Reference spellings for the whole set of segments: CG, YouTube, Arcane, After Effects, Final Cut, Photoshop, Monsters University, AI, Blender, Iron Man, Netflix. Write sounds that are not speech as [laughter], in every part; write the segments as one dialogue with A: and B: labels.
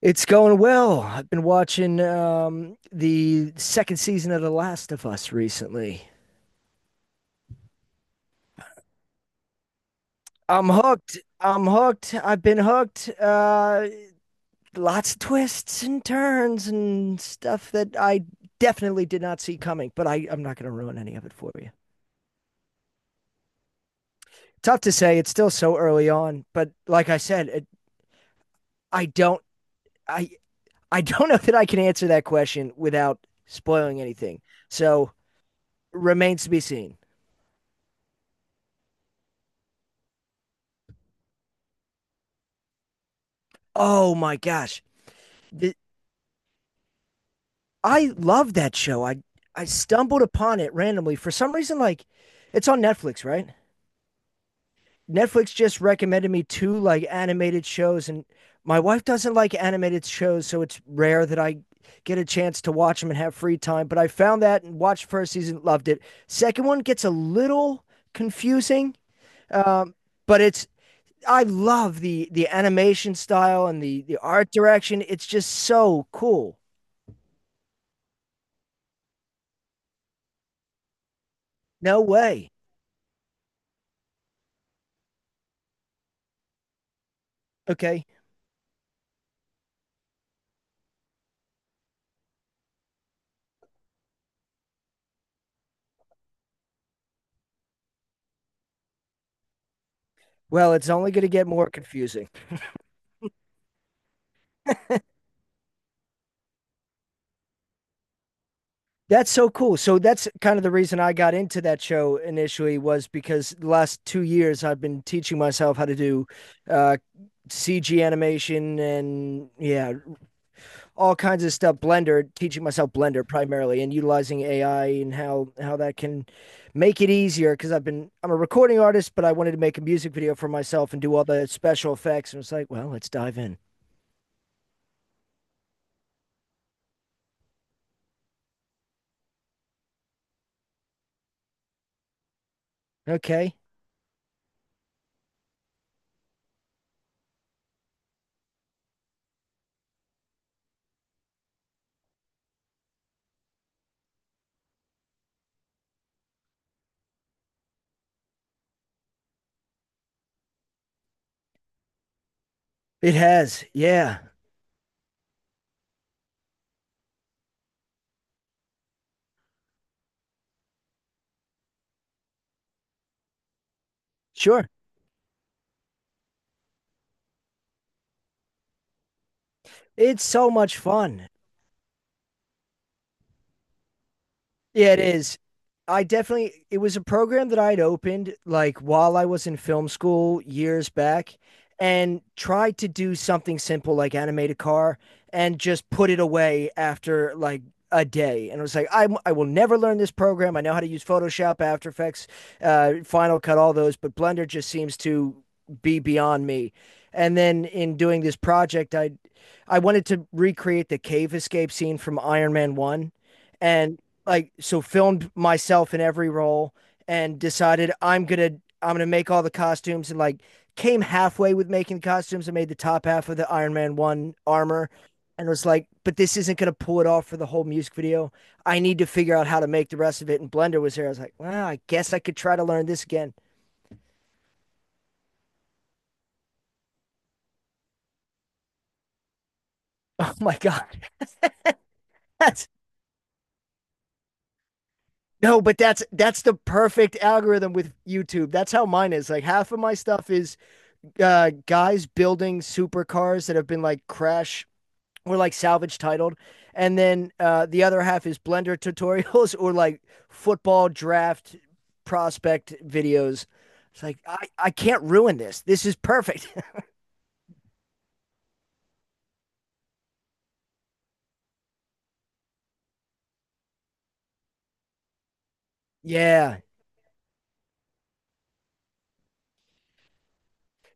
A: It's going well. I've been watching the second season of The Last of Us recently. I'm hooked. I'm hooked. I've been hooked. Lots of twists and turns and stuff that I definitely did not see coming, but I'm not going to ruin any of it for you. Tough to say. It's still so early on, but like I said, I don't. I I don't know that I can answer that question without spoiling anything. So remains to be seen. Oh my gosh. Th- I love that show. I stumbled upon it randomly for some reason. Like, it's on Netflix, right? Netflix just recommended me two like animated shows, and my wife doesn't like animated shows, so it's rare that I get a chance to watch them and have free time. But I found that and watched first season, loved it. Second one gets a little confusing, um, but it's I love the animation style and the art direction. It's just so cool. No way. Okay. Well, it's only going to get more confusing. That's so cool. So that's kind of the reason I got into that show initially was because the last 2 years I've been teaching myself how to do uh, CG animation and yeah, all kinds of stuff. Blender, teaching myself Blender primarily, and utilizing AI and how that can make it easier. Because I'm a recording artist, but I wanted to make a music video for myself and do all the special effects. And it's like, well, let's dive in. Okay, it has. Yeah, sure. It's so much fun. Yeah, it is. I definitely, it was a program that I'd opened like while I was in film school years back and tried to do something simple like animate a car and just put it away after like a day. And it was like, I will never learn this program. I know how to use Photoshop, After Effects, Final Cut, all those, but Blender just seems to be beyond me. And then in doing this project, I wanted to recreate the cave escape scene from Iron Man 1 and like so filmed myself in every role and decided I'm gonna make all the costumes and like came halfway with making the costumes and made the top half of the Iron Man one armor and was like, but this isn't gonna pull it off for the whole music video. I need to figure out how to make the rest of it. And Blender was there. I was like, well, I guess I could try to learn this again. [laughs] Oh my god, [laughs] that's no, but that's the perfect algorithm with YouTube. That's how mine is. Like half of my stuff is guys building supercars that have been like crash or like salvage titled and then the other half is blender tutorials [laughs] or like football draft prospect videos it's like I can't ruin this. Is perfect. [laughs] Yeah,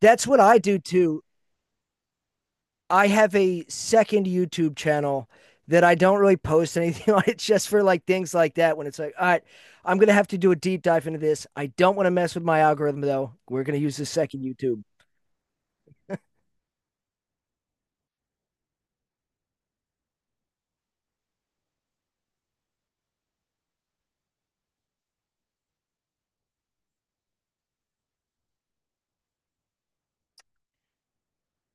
A: that's what I do too. I have a second youtube channel that I don't really post anything [laughs] on. It's just for like things like that when it's like all right I'm gonna have to do a deep dive into this. I don't want to mess with my algorithm though. We're gonna use the second youtube.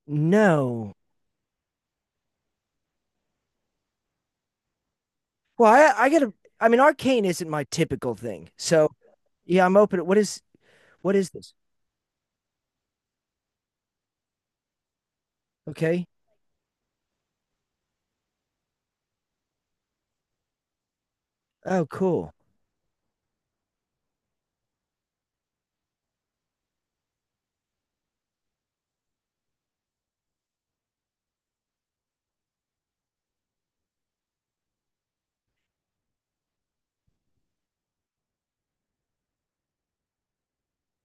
A: No. Well, I gotta. I mean, arcane isn't my typical thing. So yeah, I'm open. What is this? Okay. Oh, cool.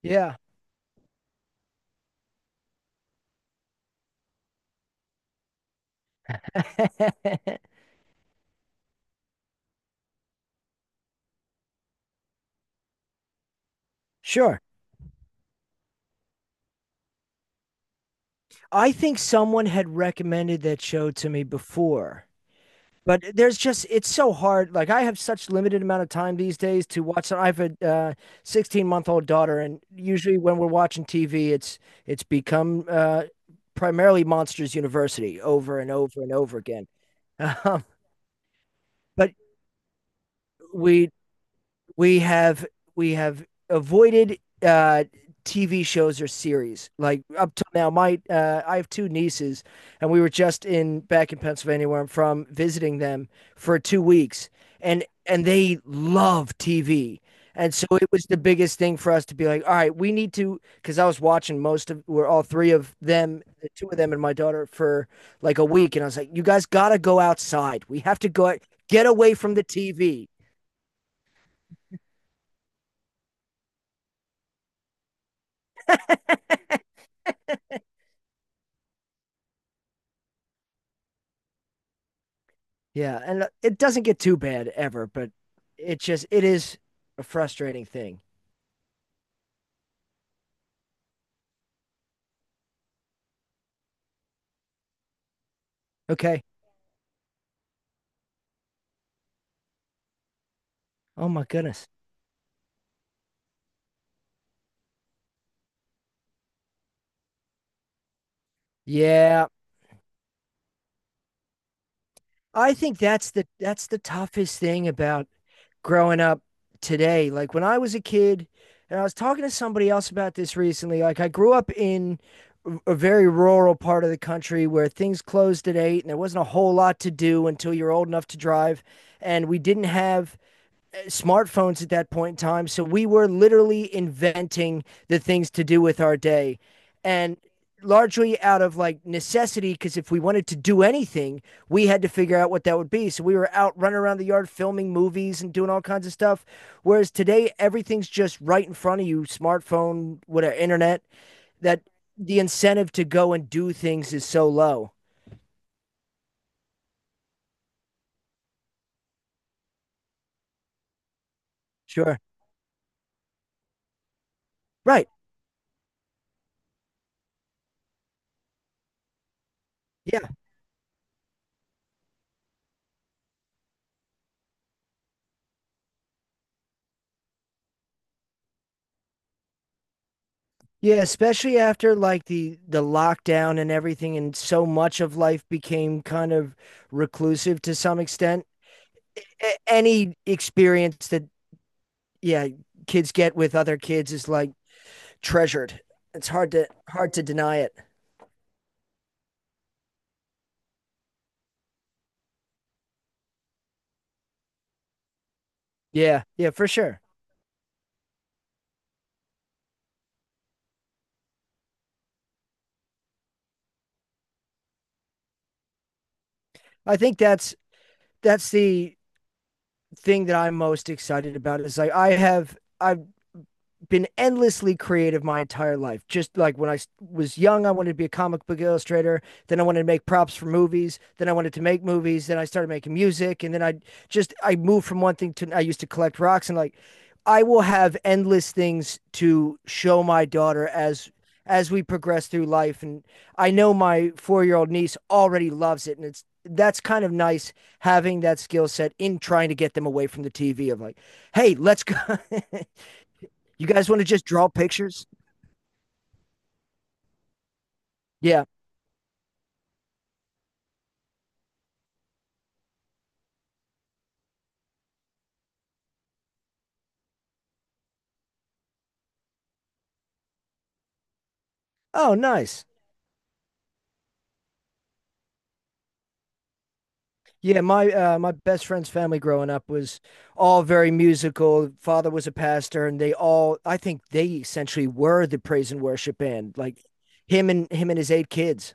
A: Yeah. [laughs] Sure. I think someone had recommended that show to me before, but there's just it's so hard. Like I have such limited amount of time these days to watch. I have a 16-month-old daughter, and usually when we're watching TV, it's become primarily Monsters University over and over and over again. [laughs] Um, but we we have we have avoided TV shows or series. Like up till now, my I have two nieces, and we were just in back in Pennsylvania where I'm from, visiting them for 2 weeks, and they love TV, and so it was the biggest thing for us to be like, all right, we need to, because I was watching most of, we're all three of them, the two of them and my daughter for like a week, and I was like, you guys gotta go outside. We have to go get away from the TV. Yeah, and it doesn't get too bad ever, but it is a frustrating thing. Okay. Oh my goodness. Yeah, I think that's the toughest thing about growing up today. Like when I was a kid, and I was talking to somebody else about this recently. Like I grew up in a very rural part of the country where things closed at 8 and there wasn't a whole lot to do until you're old enough to drive. And we didn't have smartphones at that point in time. So we were literally inventing the things to do with our day. And largely out of like necessity, because if we wanted to do anything, we had to figure out what that would be. So we were out running around the yard filming movies and doing all kinds of stuff. Whereas today, everything's just right in front of you smartphone, whatever, internet that the incentive to go and do things is so low. Sure. Right. Yeah. Yeah, especially after like the lockdown and everything, and so much of life became kind of reclusive to some extent. Any experience that yeah, kids get with other kids is like treasured. It's hard to hard to deny it. Yeah, yeah, for sure. I think that's the thing that I'm most excited about is like I been endlessly creative my entire life. Just like when I was young, I wanted to be a comic book illustrator. Then I wanted to make props for movies. Then I wanted to make movies. Then I started making music. And then I moved from one thing to, I used to collect rocks and like, I will have endless things to show my daughter as we progress through life. And I know my 4 year old niece already loves it. And it's, that's kind of nice having that skill set in trying to get them away from the TV of like, hey, let's go. [laughs] You guys want to just draw pictures? Yeah. Oh, nice. Yeah, my my best friend's family growing up was all very musical. Father was a pastor, and they all I think they essentially were the praise and worship band. Like him and his 8 kids.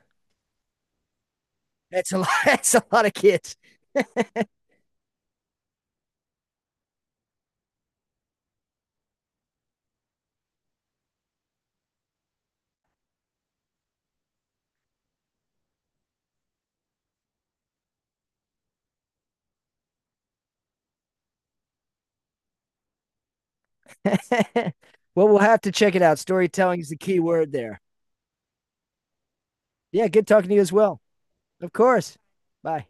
A: That's a lot. [laughs] That's a lot of kids. [laughs] Well, we'll have to check it out. Storytelling is the key word there. Yeah, good talking to you as well. Of course. Bye.